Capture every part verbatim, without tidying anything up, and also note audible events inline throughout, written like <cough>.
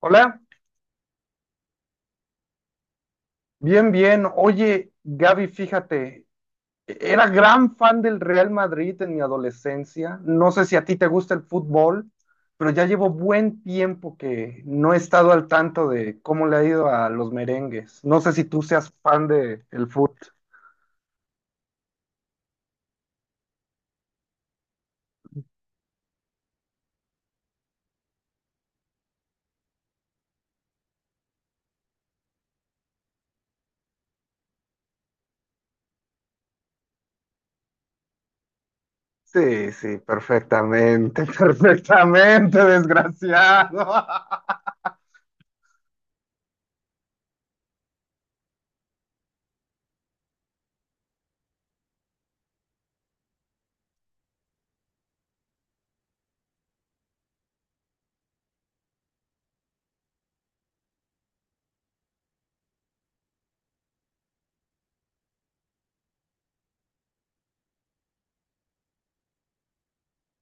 Hola, bien, bien. Oye, Gaby, fíjate, era gran fan del Real Madrid en mi adolescencia. No sé si a ti te gusta el fútbol, pero ya llevo buen tiempo que no he estado al tanto de cómo le ha ido a los merengues. No sé si tú seas fan de el fútbol. Sí, sí, perfectamente, <laughs> perfectamente, desgraciado. <laughs>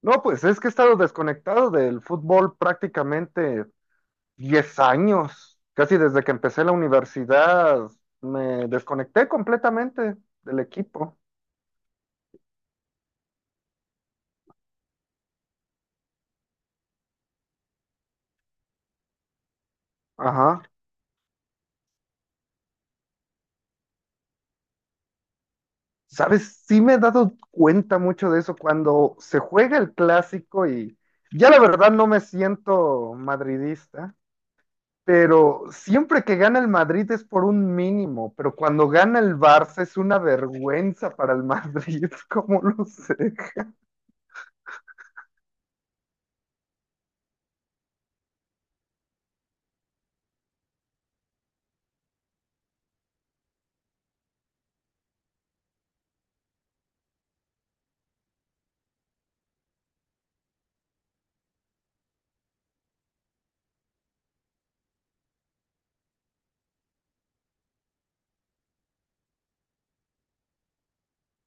No, pues es que he estado desconectado del fútbol prácticamente diez años, casi desde que empecé la universidad, me desconecté completamente del equipo. Ajá. ¿Sabes? Sí me he dado cuenta mucho de eso cuando se juega el clásico y ya la verdad no me siento madridista, pero siempre que gana el Madrid es por un mínimo, pero cuando gana el Barça es una vergüenza para el Madrid. <laughs> ¿Cómo lo sé?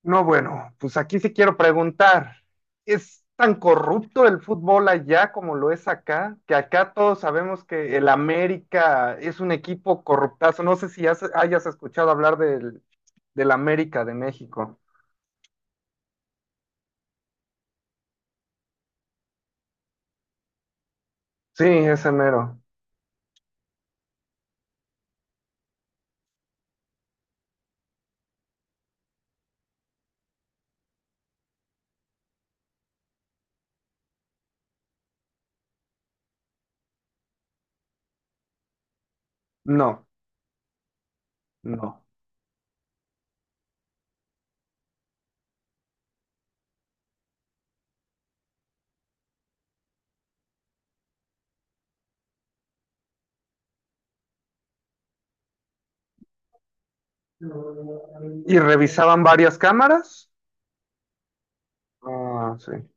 No, bueno, pues aquí sí quiero preguntar, ¿es tan corrupto el fútbol allá como lo es acá? Que acá todos sabemos que el América es un equipo corruptazo. No sé si has- hayas escuchado hablar del, del América de México. Sí, ese mero. No, no. ¿Y revisaban varias cámaras? Ah, sí.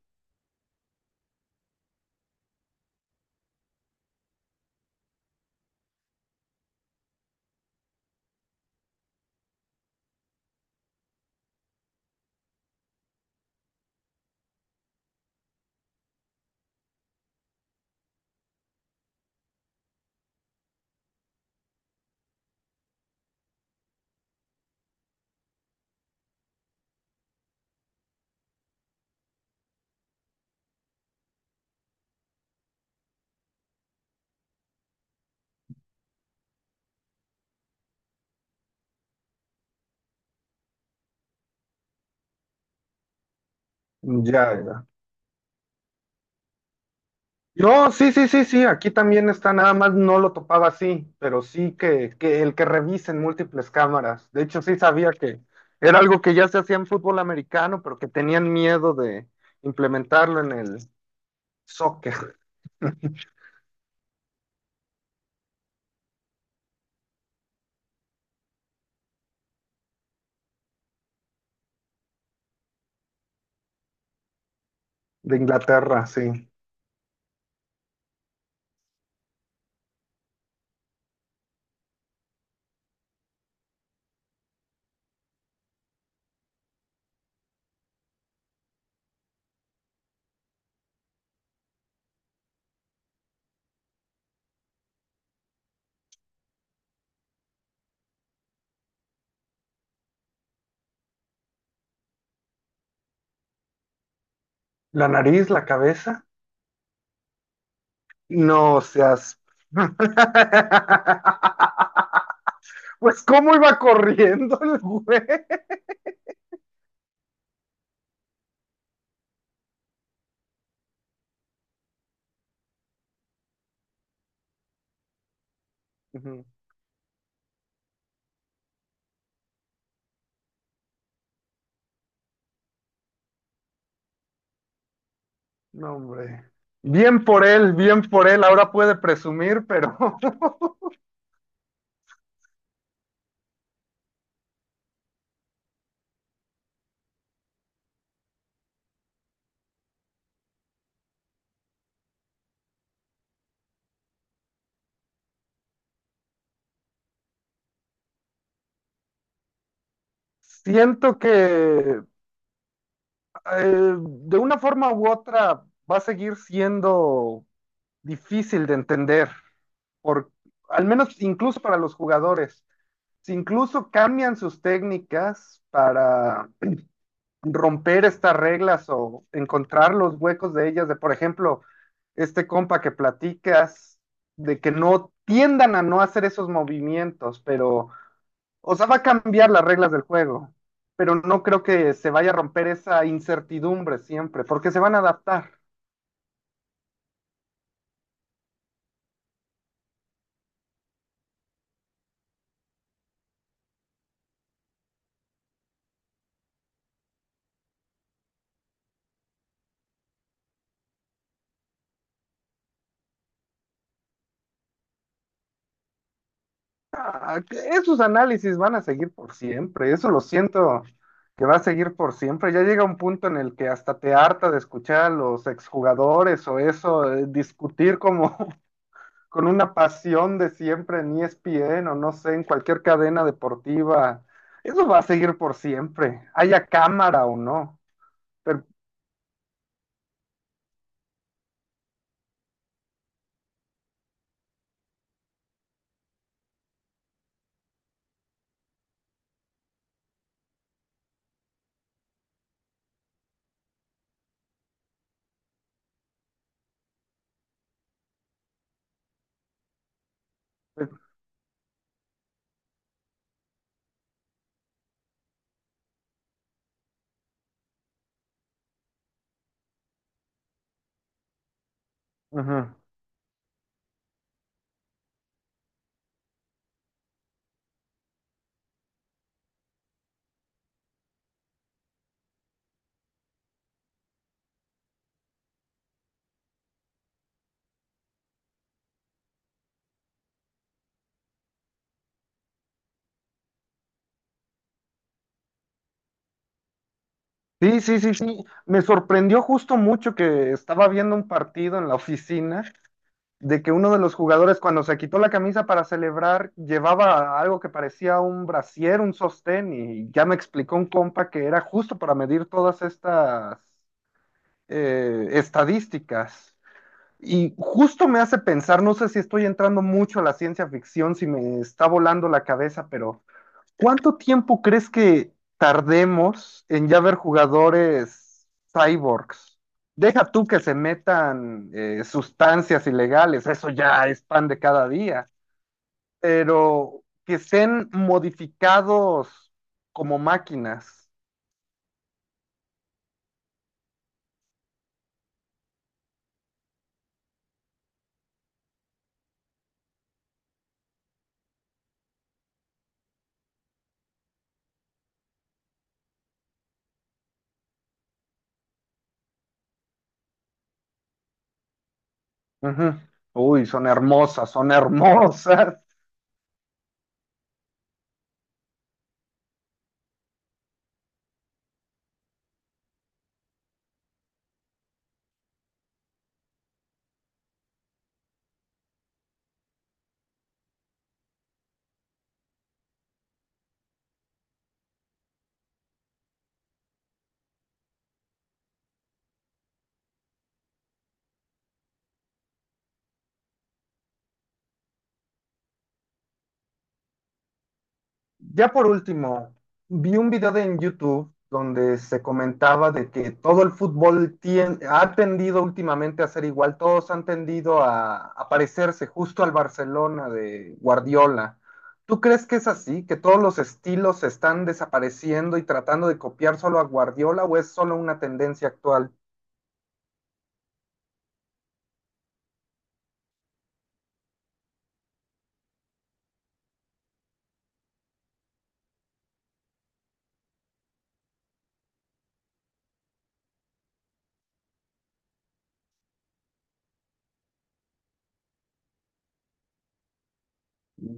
Ya, ya. No, sí, sí, sí, sí, aquí también está, nada más no lo topaba así, pero sí que, que el que revisen múltiples cámaras. De hecho, sí sabía que era algo que ya se hacía en fútbol americano, pero que tenían miedo de implementarlo en el soccer de Inglaterra, sí. La nariz, la cabeza, no seas... <laughs> Pues cómo iba corriendo el güey. Ujú. No, hombre. Bien por él, bien por él, ahora puede presumir, pero... <laughs> Siento que eh, de una forma u otra va a seguir siendo difícil de entender, por, al menos incluso para los jugadores. Si incluso cambian sus técnicas para romper estas reglas o encontrar los huecos de ellas, de por ejemplo, este compa que platicas, de que no tiendan a no hacer esos movimientos, pero o sea, va a cambiar las reglas del juego, pero no creo que se vaya a romper esa incertidumbre siempre, porque se van a adaptar. Ah, que esos análisis van a seguir por siempre, eso lo siento que va a seguir por siempre. Ya llega un punto en el que hasta te harta de escuchar a los exjugadores o eso, eh, discutir como <laughs> con una pasión de siempre en E S P N o no sé, en cualquier cadena deportiva. Eso va a seguir por siempre, haya cámara o no. Pero, pero- ujú. Sí, sí, sí, sí. Me sorprendió justo mucho que estaba viendo un partido en la oficina de que uno de los jugadores cuando se quitó la camisa para celebrar llevaba algo que parecía un brasier, un sostén y ya me explicó un compa que era justo para medir todas estas eh, estadísticas. Y justo me hace pensar, no sé si estoy entrando mucho a la ciencia ficción, si me está volando la cabeza, pero... ¿Cuánto tiempo crees que tardemos en ya ver jugadores cyborgs? Deja tú que se metan eh, sustancias ilegales, eso ya es pan de cada día, pero que estén modificados como máquinas. Ujú. Uy, son hermosas, son hermosas. Ya por último, vi un video de- en YouTube donde se comentaba de que todo el fútbol tien- ha tendido últimamente a ser igual, todos han tendido a, a parecerse justo al Barcelona de Guardiola. ¿Tú crees que es así? ¿Que todos los estilos se están desapareciendo y tratando de copiar solo a Guardiola o es solo una tendencia actual?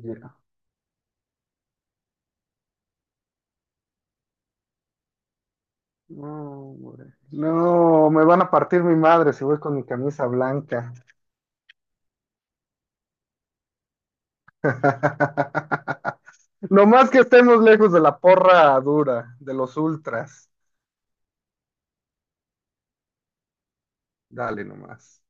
Ya. No, güey. No, me van a partir mi madre si voy con mi camisa blanca. <laughs> Nomás que estemos lejos de la porra dura, de los ultras. Dale nomás.